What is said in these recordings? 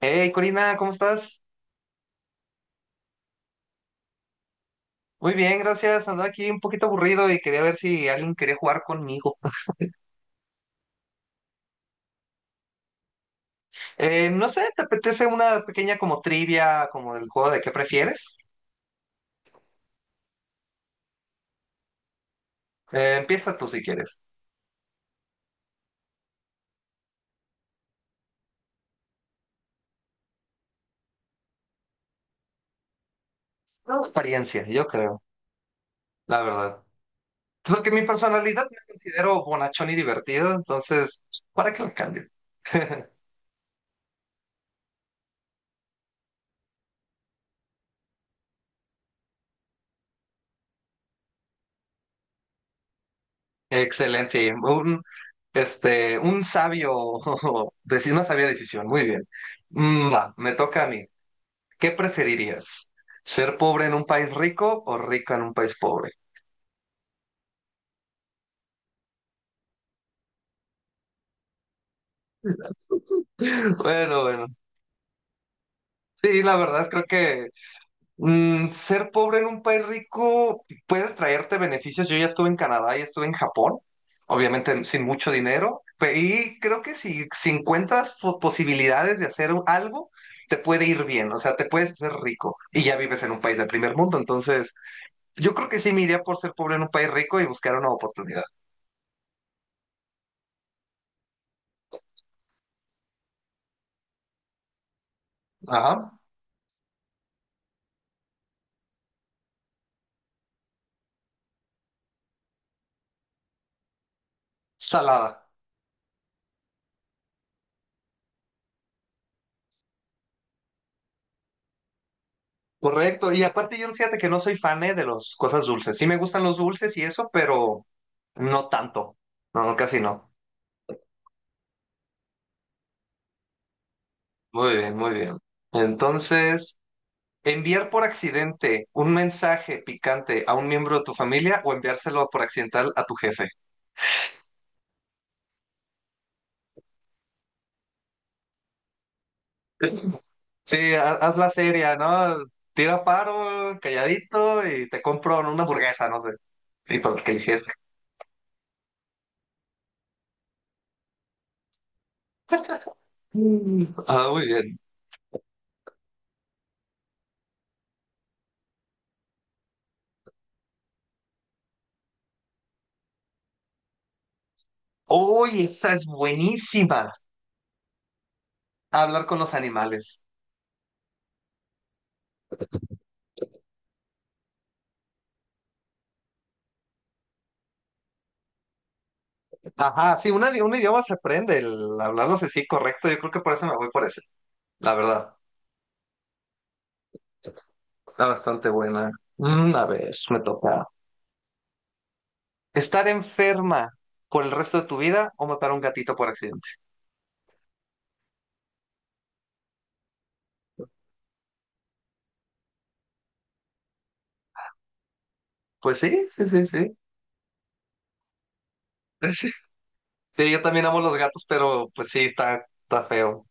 Hey, Corina, ¿cómo estás? Muy bien, gracias. Andaba aquí un poquito aburrido y quería ver si alguien quería jugar conmigo. No sé, ¿te apetece una pequeña como trivia, como del juego de qué prefieres? Empieza tú si quieres. No, experiencia, yo creo, la verdad. Es porque mi personalidad me considero bonachón y divertido, entonces, ¿para qué la cambio? Excelente, un sabio, una sabia decisión, muy bien. Mm, va, me toca a mí. ¿Qué preferirías? ¿Ser pobre en un país rico o rico en un país pobre? Bueno, bueno. Sí, la verdad creo que ser pobre en un país rico puede traerte beneficios. Yo ya estuve en Canadá y estuve en Japón, obviamente sin mucho dinero, y creo que si encuentras posibilidades de hacer algo, te puede ir bien, o sea, te puedes hacer rico y ya vives en un país de primer mundo. Entonces, yo creo que sí me iría por ser pobre en un país rico y buscar una oportunidad. Ajá. Salada. Correcto, y aparte yo fíjate que no soy fan de las cosas dulces. Sí me gustan los dulces y eso, pero no tanto. No, casi no. Muy bien, muy bien. Entonces, enviar por accidente un mensaje picante a un miembro de tu familia o enviárselo por accidental a tu jefe. Sí, haz la seria, ¿no? Tira paro, calladito y te compro una hamburguesa, no sé. Y para que el jefe. Mm. Ah, muy bien. Uy, esa es buenísima. Hablar con los animales. Ajá, sí, un idioma se aprende, el hablarlo así correcto, yo creo que por eso me voy por ese, la verdad. Está bastante buena. Mm, a ver, me toca. ¿Estar enferma por el resto de tu vida o matar a un gatito por accidente? Pues sí, sí, sí, sí. Sí, yo también amo los gatos, pero pues sí, está, está feo.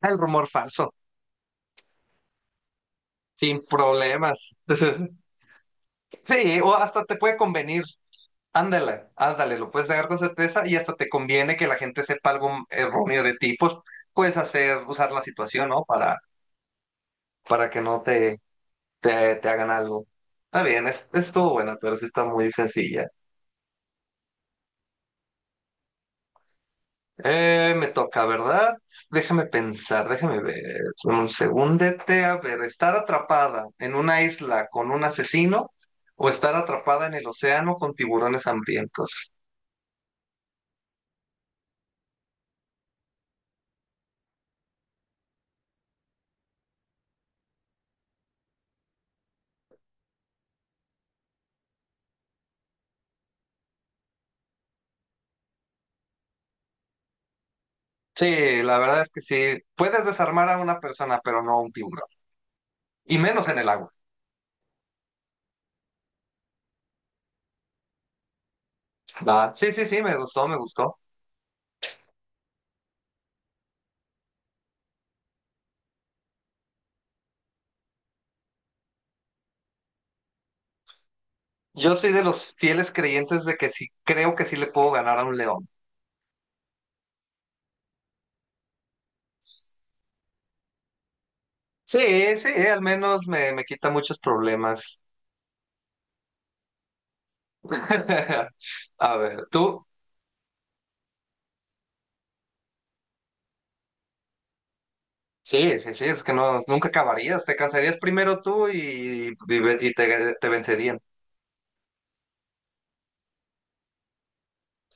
El rumor falso, sin problemas. Sí, o hasta te puede convenir. Ándale, ándale, lo puedes negar con certeza y hasta te conviene que la gente sepa algo erróneo de ti, pues puedes hacer, usar la situación, ¿no? Para que no te hagan algo. Está bien, es, estuvo buena, pero sí está muy sencilla. Me toca, ¿verdad? Déjame pensar, déjame ver. Un segundete, a ver, estar atrapada en una isla con un asesino o estar atrapada en el océano con tiburones hambrientos. Sí, la verdad es que sí. Puedes desarmar a una persona, pero no a un tiburón. Y menos en el agua. Va. Sí, sí, sí, me gustó, me gustó. Yo soy de los fieles creyentes de que sí, creo que sí le puedo ganar a un león. Sí, sí, al menos me quita muchos problemas. A ver, tú. Sí, sí, sí, es que no, nunca acabarías. Te cansarías primero tú y te vencerían.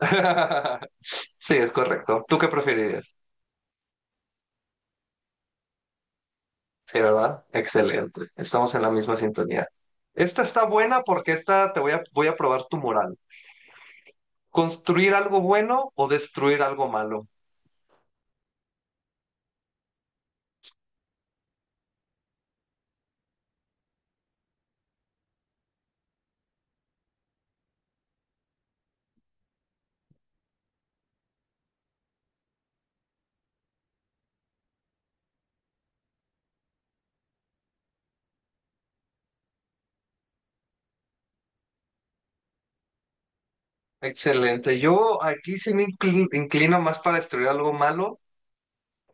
Sí, es correcto. ¿Tú qué preferirías? Sí, ¿verdad? Excelente. Estamos en la misma sintonía. Esta está buena porque esta te voy a probar tu moral. ¿Construir algo bueno o destruir algo malo? Excelente. Yo aquí sí me inclino más para destruir algo malo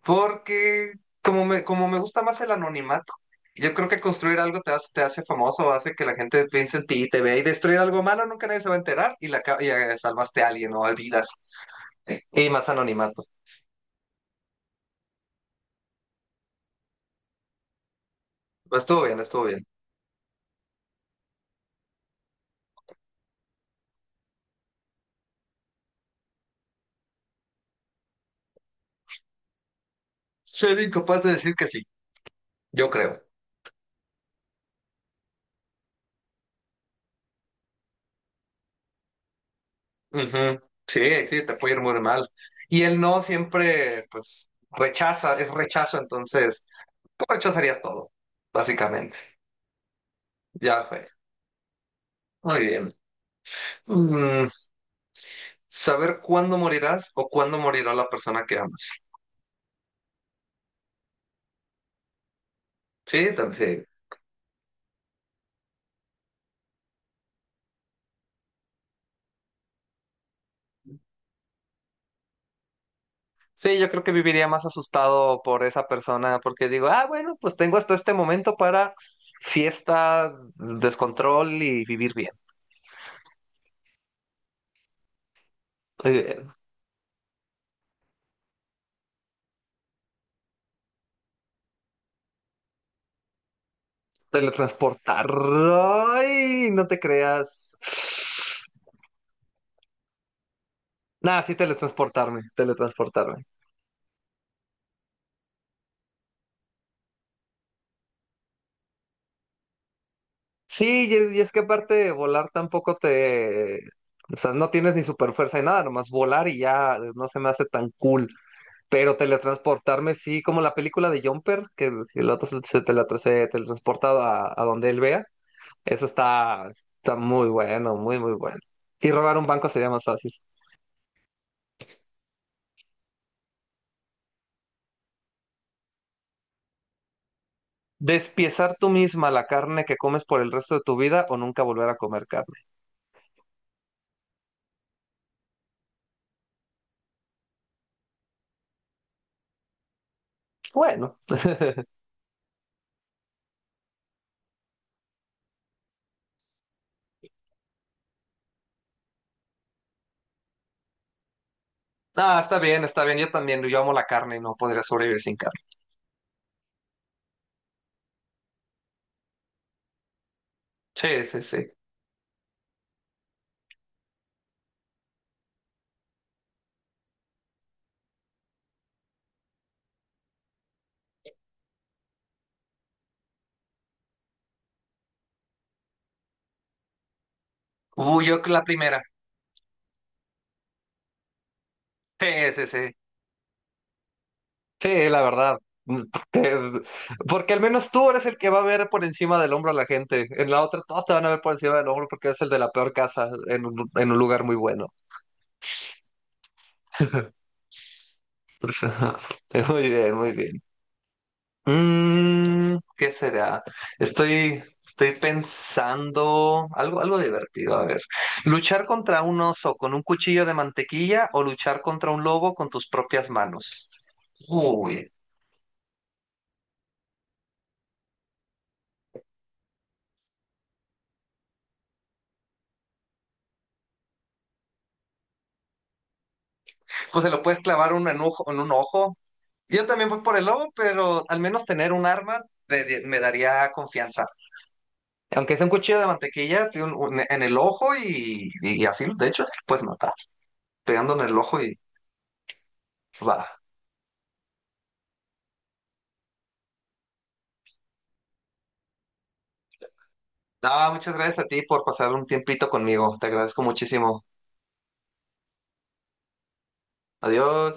porque como me gusta más el anonimato, yo creo que construir algo te hace famoso, hace que la gente piense en ti y te vea y destruir algo malo nunca nadie se va a enterar y salvaste a alguien o olvidas. Y más anonimato. Estuvo bien, estuvo bien. Soy incapaz de decir que sí, yo creo. Ujú. Sí, sí, te puede ir muy mal. Y el no siempre, pues, rechaza, es rechazo, entonces, tú rechazarías todo, básicamente. Ya fue. Muy bien. Mm, saber cuándo morirás o cuándo morirá la persona que amas. Sí, también. Sí, yo creo que viviría más asustado por esa persona porque digo, ah, bueno, pues tengo hasta este momento para fiesta, descontrol y vivir bien. Muy bien. Teletransportar. Ay, no te creas. Nada, sí, teletransportarme. Sí, y es que aparte volar tampoco te... O sea, no tienes ni super fuerza ni nada, nomás volar y ya no se me hace tan cool. Pero teletransportarme, sí, como la película de Jumper, que el otro se teletransporta a donde él vea. Eso está, está muy bueno, muy, muy bueno. Y robar un banco sería más fácil. Despiezar tú misma la carne que comes por el resto de tu vida o nunca volver a comer carne. Bueno. Ah, está bien, está bien. Yo también, yo amo la carne y no podría sobrevivir sin carne. Sí, sí, sí. Uy, yo la primera. Sí, sí, sí. Sí, la verdad. Mm, porque al menos tú eres el que va a ver por encima del hombro a la gente. En la otra todos te van a ver por encima del hombro porque eres el de la peor casa en en un lugar muy bueno. Muy bien, muy bien. Mm, ¿qué será? Estoy pensando algo, algo divertido. A ver, luchar contra un oso con un cuchillo de mantequilla o luchar contra un lobo con tus propias manos. Uy, pues se lo puedes clavar en un ojo. Yo también voy por el lobo, pero al menos tener un arma me daría confianza. Aunque sea un cuchillo de mantequilla, tiene en el ojo y así, de hecho, así lo puedes matar, pegando en el ojo y va. No, muchas gracias a ti por pasar un tiempito conmigo. Te agradezco muchísimo. Adiós.